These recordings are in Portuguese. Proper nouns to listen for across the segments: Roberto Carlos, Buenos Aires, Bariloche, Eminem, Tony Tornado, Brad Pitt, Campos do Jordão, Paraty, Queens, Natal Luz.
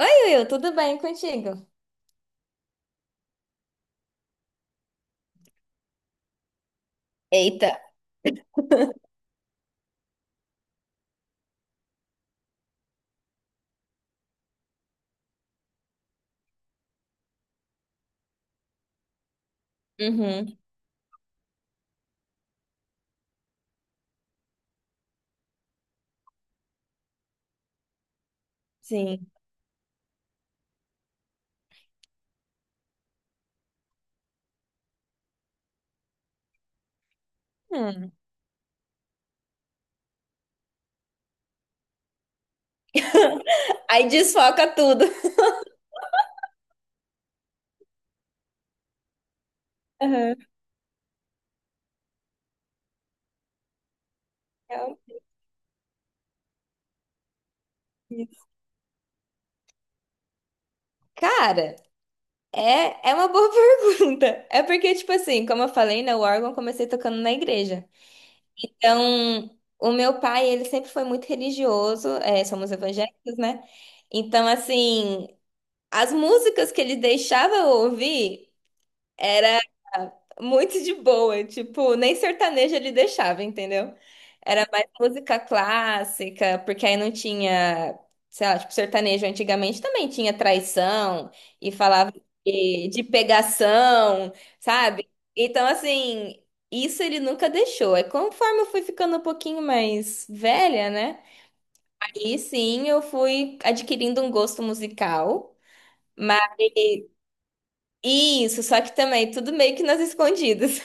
Oi, Will, tudo bem contigo? Eita. Uhum, sim. Hum. Aí desfoca tudo. Aham. É o- isso. Cara, é uma boa pergunta. É porque, tipo assim, como eu falei, né, o órgão eu comecei tocando na igreja. Então, o meu pai, ele sempre foi muito religioso, é, somos evangélicos, né? Então, assim, as músicas que ele deixava eu ouvir era muito de boa, tipo, nem sertanejo ele deixava, entendeu? Era mais música clássica, porque aí não tinha, sei lá, tipo, sertanejo antigamente também tinha traição e falava de pegação, sabe? Então, assim, isso ele nunca deixou. É conforme eu fui ficando um pouquinho mais velha, né? Aí sim eu fui adquirindo um gosto musical. Mas isso, só que também tudo meio que nas escondidas.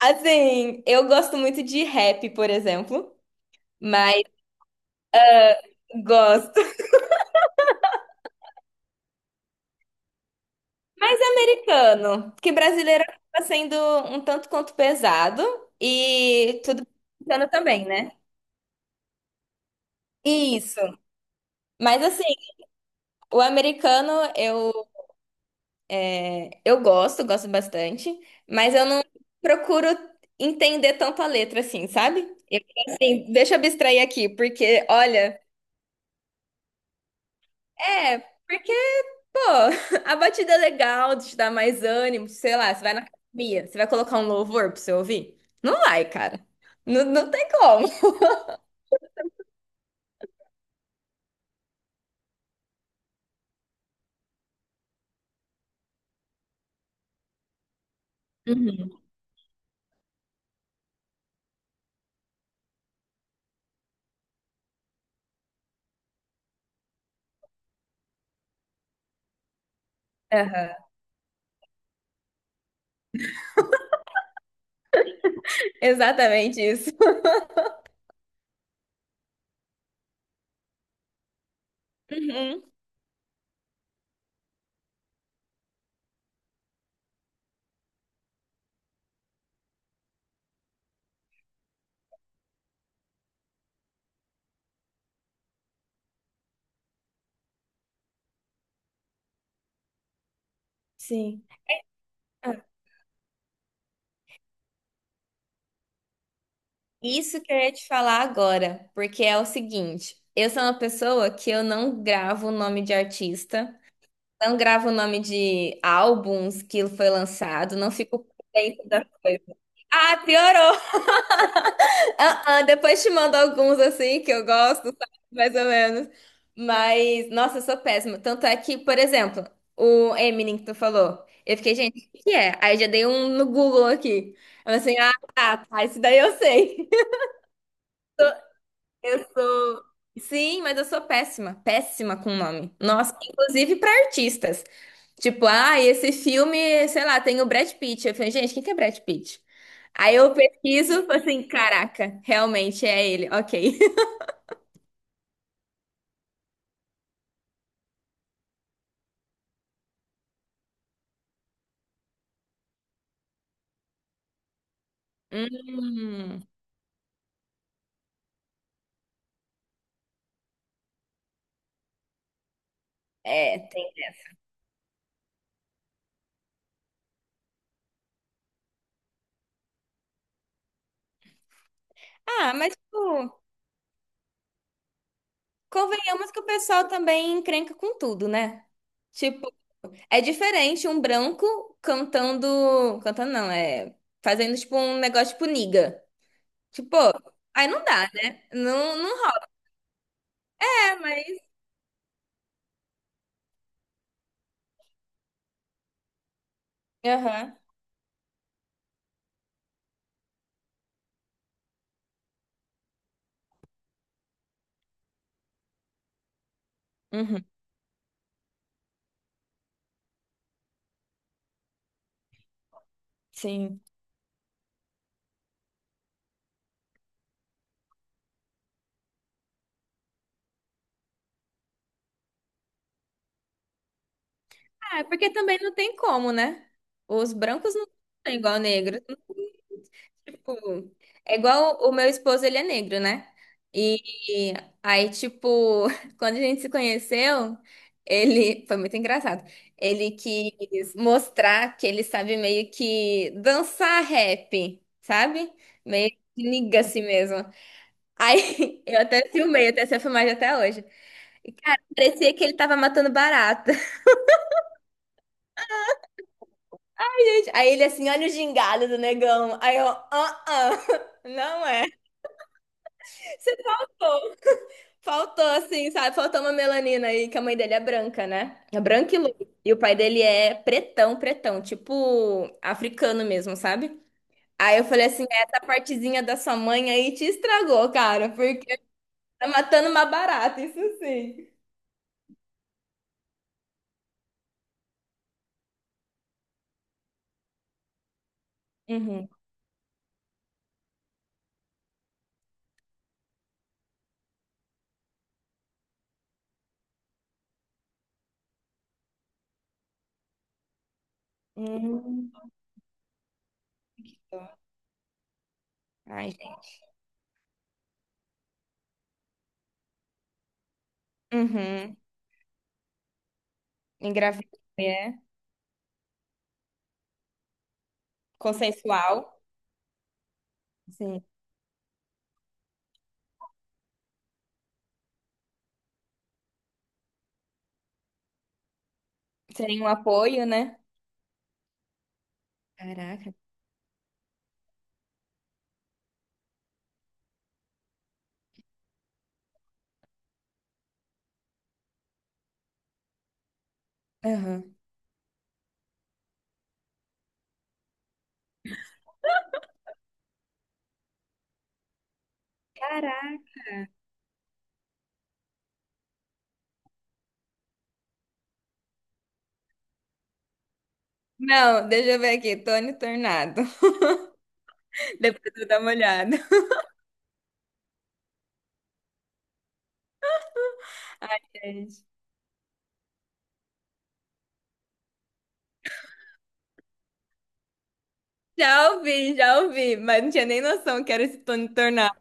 Assim, eu gosto muito de rap, por exemplo, mas gosto. Mais americano, porque brasileiro acaba sendo um tanto quanto pesado e tudo americano também, né? Isso. Mas assim, o americano eu gosto, gosto bastante, mas eu não procuro entender tanto a letra assim, sabe? Eu assim, deixa eu abstrair aqui, porque olha, é, porque Pô, a batida é legal, te dá mais ânimo, sei lá, você vai na academia, você vai colocar um louvor pra você ouvir? Não vai, cara. Não, não tem como. Uhum. Aham. Exatamente isso. Uhum. Sim. Ah, isso que eu ia te falar agora, porque é o seguinte, eu sou uma pessoa que eu não gravo o nome de artista, não gravo o nome de álbuns que foi lançado, não fico por dentro das coisas. Ah, piorou! Ah, depois te mando alguns assim que eu gosto, sabe? Mais ou menos. Mas, nossa, eu sou péssima. Tanto é que, por exemplo, o Eminem que tu falou. Eu fiquei, gente, o que que é? Aí eu já dei um no Google aqui. Eu assim, ah, tá, tá, isso daí eu sei. Eu sou. Sim, mas eu sou péssima, péssima com nome. Nossa, inclusive pra artistas. Tipo, ah, esse filme, sei lá, tem o Brad Pitt. Eu falei, gente, quem que é Brad Pitt? Aí eu pesquiso, falo assim, caraca, realmente é ele, ok. Hum. É, tem. Ah, mas, tipo, convenhamos que o pessoal também encrenca com tudo, né? Tipo, é diferente um branco cantando. Cantando não, é. Fazendo, tipo, um negócio tipo niga. Tipo, aí não dá, né? Não, não é, mas. Aham. Uhum. Sim. Ah, é porque também não tem como, né? Os brancos não são igual negros. Tipo, é igual o meu esposo, ele é negro, né? E aí, tipo, quando a gente se conheceu, ele foi muito engraçado. Ele quis mostrar que ele sabe meio que dançar rap, sabe? Meio que niga assim mesmo. Aí eu até filmei, eu tenho essa filmagem até hoje. E, cara, parecia que ele tava matando barata. Aí ele assim, olha o gingado do negão. Aí eu, ah, não é. Você faltou. Faltou, assim, sabe? Faltou uma melanina aí, que a mãe dele é branca, né? É branca e loira. E o pai dele é pretão, pretão, tipo africano mesmo, sabe? Aí eu falei assim, essa partezinha da sua mãe aí te estragou, cara, porque tá matando uma barata, isso sim. Uhum. Uhum. Ai, gente. Uhum. Engravidou, é. Consensual. Sim. Sem nenhum apoio, né? Caraca. Uhum. Caraca. Não, deixa eu ver aqui. Tony Tornado. Depois eu dou uma olhada. Gente. Já ouvi, mas não tinha nem noção que era esse Tony Tornado.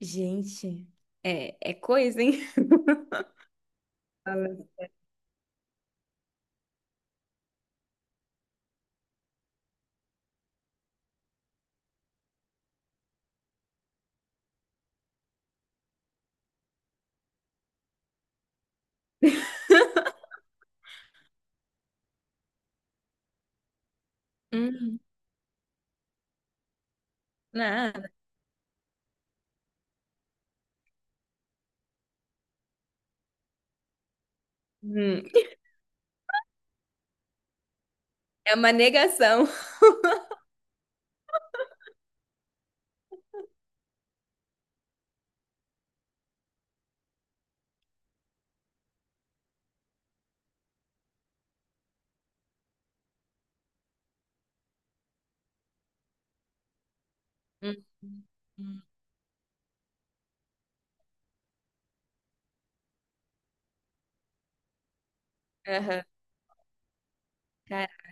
Gente, é coisa, hein? Fala. Hum, nada. Hum, é uma negação. Hum, hum, aham. Cara,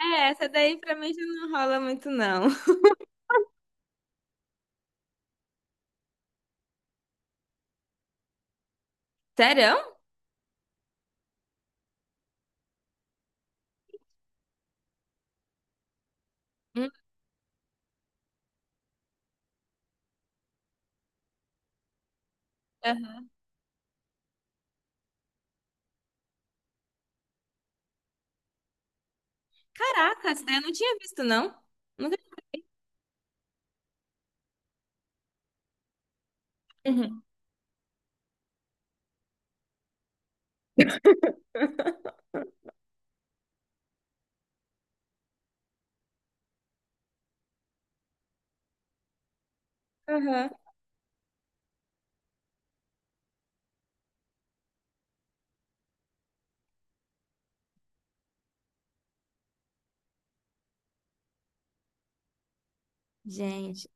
é, essa daí pra mim já não rola muito, não. Sério? Hum, aham. Caraca, essa daí eu não tinha visto, não. Nunca. Uhum. Aham. Gente.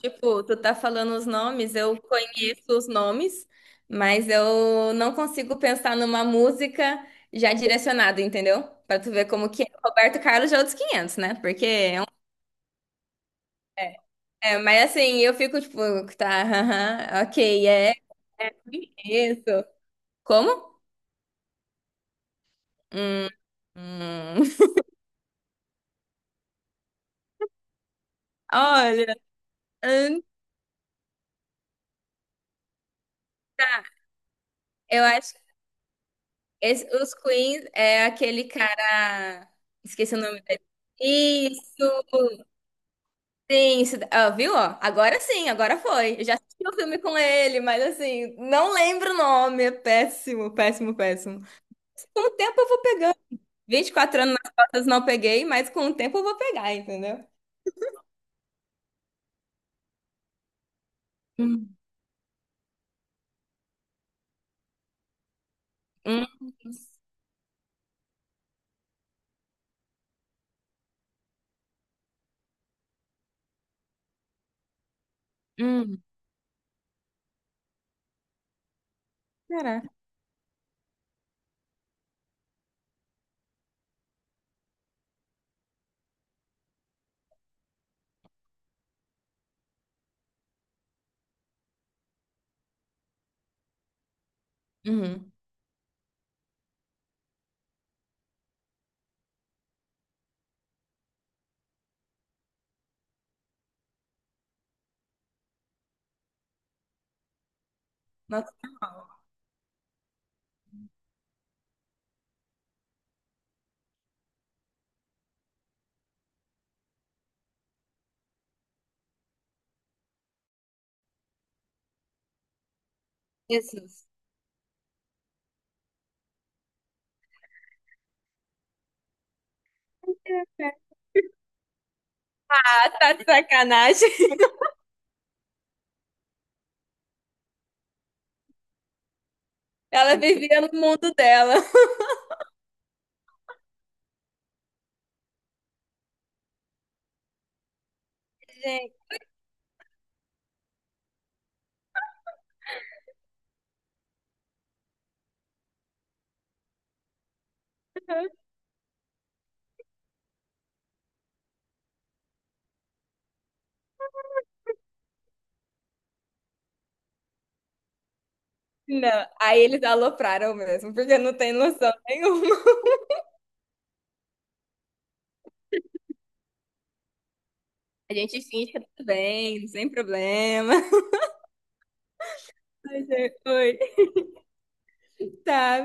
Tipo, tu tá falando os nomes, eu conheço os nomes, mas eu não consigo pensar numa música já direcionada, entendeu? Pra tu ver como que é. Roberto Carlos já é outros 500, né? Porque é um... É, mas assim, eu fico tipo, tá, aham, ok, é isso. Como? Hum, hum. Olha, hum, eu acho que os Queens é aquele cara. Esqueci o nome dele. Isso! Sim, ah, viu? Ó? Agora sim, agora foi. Eu já assisti o filme com ele, mas assim, não lembro o nome. É péssimo, péssimo, péssimo. Com o tempo eu vou pegando 24 anos nas costas não peguei, mas com o tempo eu vou pegar, entendeu? Hum, hum, hum. Caraca. Uhum. Nossa, Jesus. Ah, tá de sacanagem. Ela vivia no mundo dela. Gente. Não, aí eles alopraram mesmo, porque não tem noção nenhuma. A gente finge que tá tudo bem, sem problema. Mas é, oi, tá.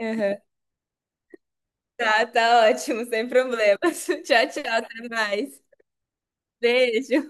Aham. Tá, tá ótimo, sem problemas. Tchau, tchau, até mais. Beijo.